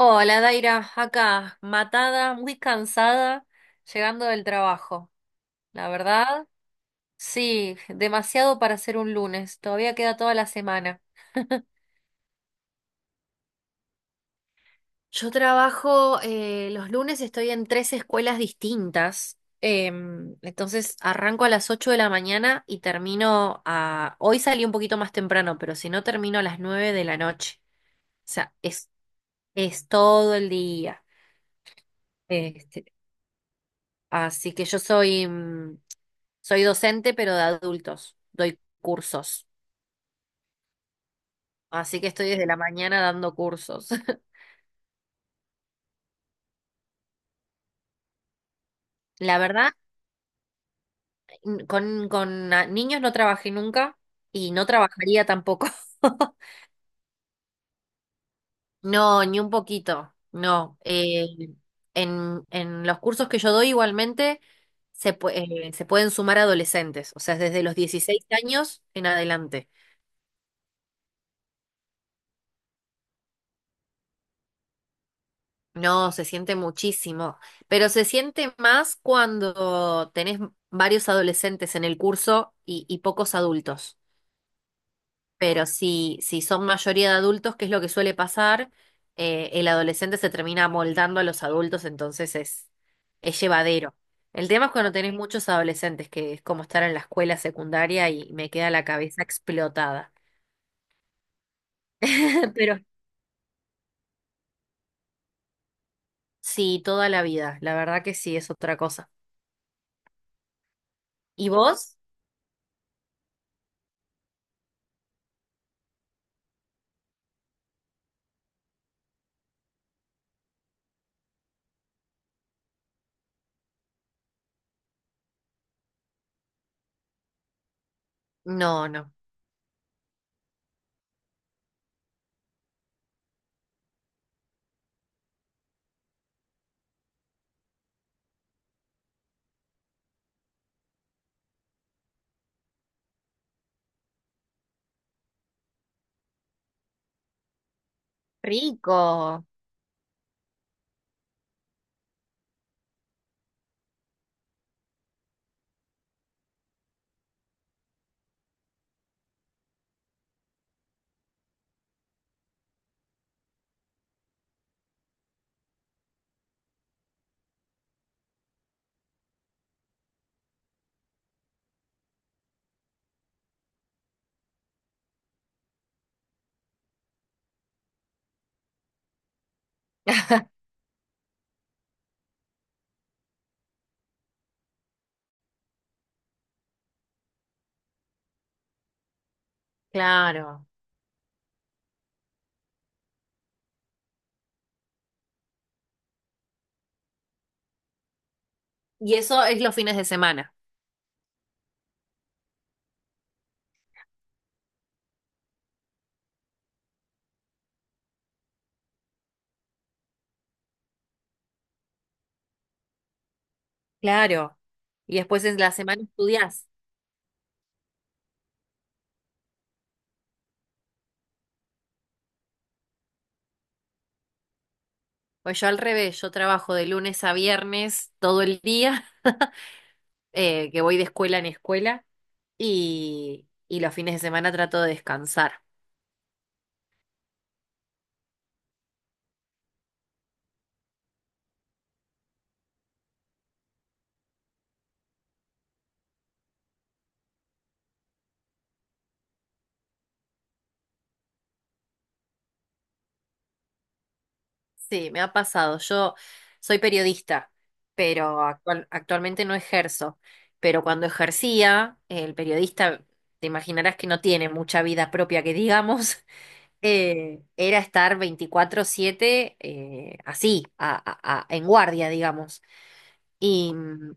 Hola, Daira, acá, matada, muy cansada, llegando del trabajo. La verdad, sí, demasiado para ser un lunes, todavía queda toda la semana. Yo trabajo, los lunes estoy en tres escuelas distintas, entonces arranco a las 8 de la mañana y termino a. Hoy salí un poquito más temprano, pero si no termino a las 9 de la noche. O sea, es todo el día. este. Así que yo soy docente, pero de adultos. Doy cursos. Así que estoy desde la mañana dando cursos. La verdad, con niños no trabajé nunca y no trabajaría tampoco. No, ni un poquito. No. En los cursos que yo doy igualmente se, pue- se pueden sumar adolescentes, o sea, desde los 16 años en adelante. No, se siente muchísimo, pero se siente más cuando tenés varios adolescentes en el curso y pocos adultos. Pero si son mayoría de adultos, que es lo que suele pasar, el adolescente se termina amoldando a los adultos, entonces es llevadero. El tema es cuando tenés muchos adolescentes, que es como estar en la escuela secundaria y me queda la cabeza explotada. Pero sí, toda la vida, la verdad que sí, es otra cosa. ¿Y vos? No, no. Rico, claro. Y eso es los fines de semana, claro. Y después en la semana estudiás. Pues yo al revés, yo trabajo de lunes a viernes todo el día, que voy de escuela en escuela, y los fines de semana trato de descansar. Sí, me ha pasado. Yo soy periodista, pero actualmente no ejerzo. Pero cuando ejercía, el periodista, te imaginarás que no tiene mucha vida propia, que digamos. Era estar 24/7 así, en guardia, digamos, y, mm,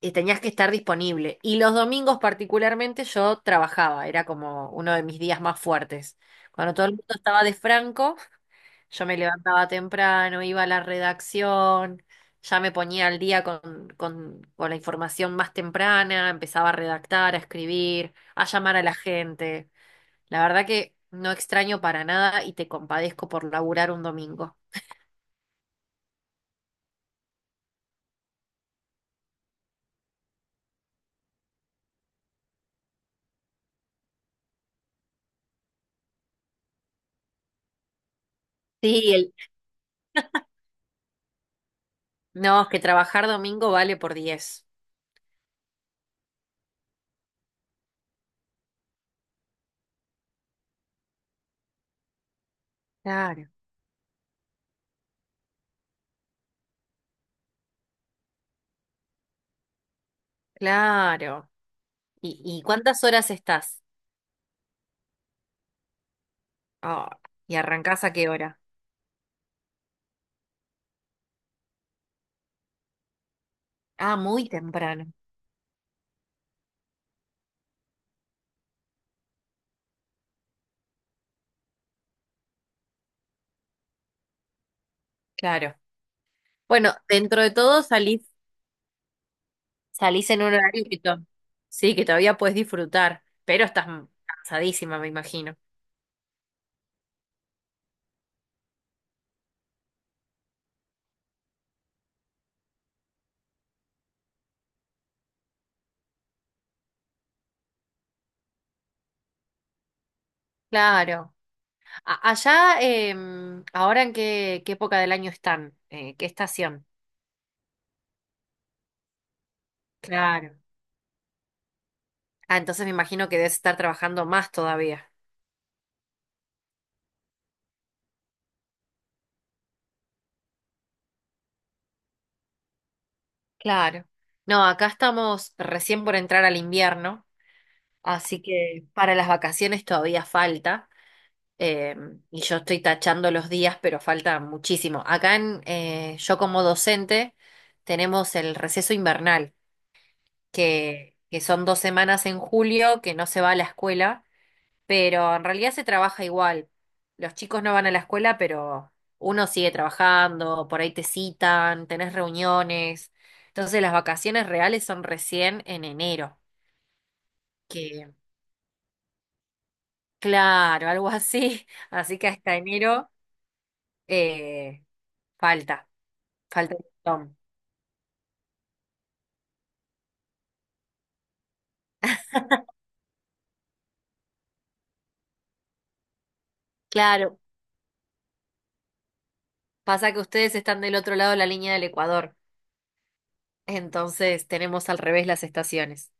y tenías que estar disponible. Y los domingos particularmente yo trabajaba, era como uno de mis días más fuertes. Cuando todo el mundo estaba de franco, yo me levantaba temprano, iba a la redacción, ya me ponía al día con la información más temprana, empezaba a redactar, a escribir, a llamar a la gente. La verdad que no extraño para nada y te compadezco por laburar un domingo. Sí, el... No, es que trabajar domingo vale por diez. Claro, claro. ¿Y cuántas horas estás? Ah, ¿y arrancás a qué hora? Ah, muy temprano. Claro. Bueno, dentro de todo salís en un horario sí, que todavía puedes disfrutar, pero estás cansadísima, me imagino. Claro. Allá, ¿ahora en qué época del año están? ¿Qué estación? Claro. Ah, entonces me imagino que debes estar trabajando más todavía. Claro. No, acá estamos recién por entrar al invierno, así que para las vacaciones todavía falta. eh, y yo estoy tachando los días, pero falta muchísimo. Acá yo como docente tenemos el receso invernal, que son 2 semanas en julio que no se va a la escuela pero en realidad se trabaja igual. Los chicos no van a la escuela, pero uno sigue trabajando, por ahí te citan, tenés reuniones. Entonces las vacaciones reales son recién en enero, que claro, algo así. Así que hasta enero eh, falta, falta un montón. Claro, pasa que ustedes están del otro lado de la línea del Ecuador, entonces tenemos al revés las estaciones.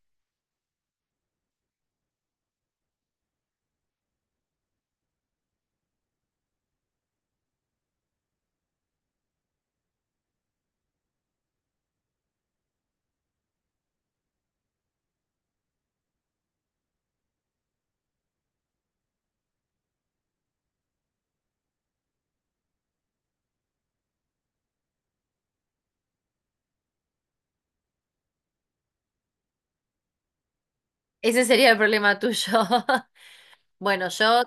Ese sería el problema tuyo. Bueno, yo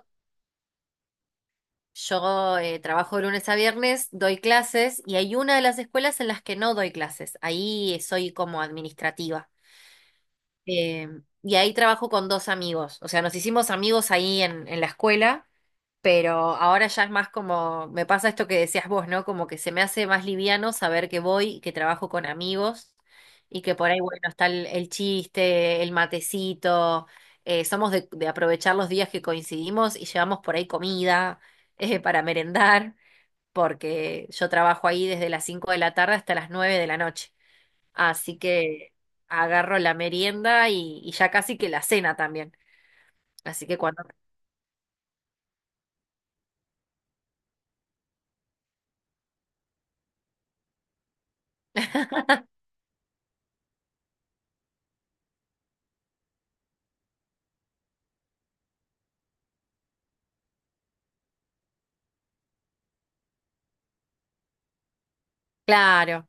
Yo eh, trabajo de lunes a viernes, doy clases y hay una de las escuelas en las que no doy clases. Ahí soy como administrativa. Eh, y ahí trabajo con dos amigos. O sea, nos hicimos amigos ahí en la escuela, pero ahora ya es más como, me pasa esto que decías vos, ¿no? Como que se me hace más liviano saber que voy, y que trabajo con amigos y que por ahí, bueno, está el chiste, el matecito. Somos de aprovechar los días que coincidimos y llevamos por ahí comida para merendar porque yo trabajo ahí desde las 5 de la tarde hasta las 9 de la noche. Así que agarro la merienda y ya casi que la cena también. Así que cuando... Claro.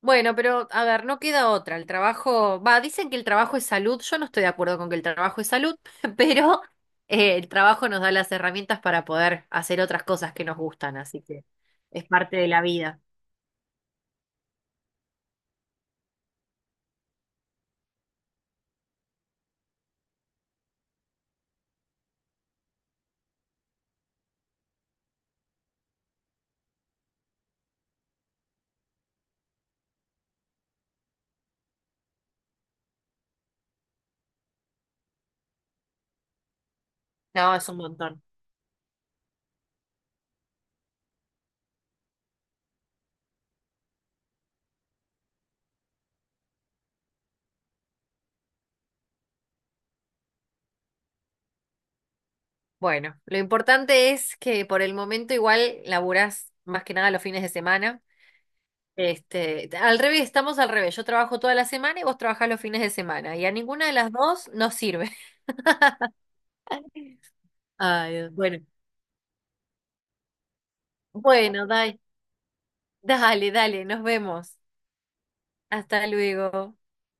Bueno, pero a ver, no queda otra. El trabajo, va, dicen que el trabajo es salud. Yo no estoy de acuerdo con que el trabajo es salud, pero el trabajo nos da las herramientas para poder hacer otras cosas que nos gustan, así que es parte de la vida. No, es un montón. Bueno, lo importante es que por el momento igual laburás más que nada los fines de semana. Al revés, estamos al revés. Yo trabajo toda la semana y vos trabajás los fines de semana. Y a ninguna de las dos nos sirve. Ay, Dios. Bueno. Bueno, dale, dale, nos vemos. Hasta luego.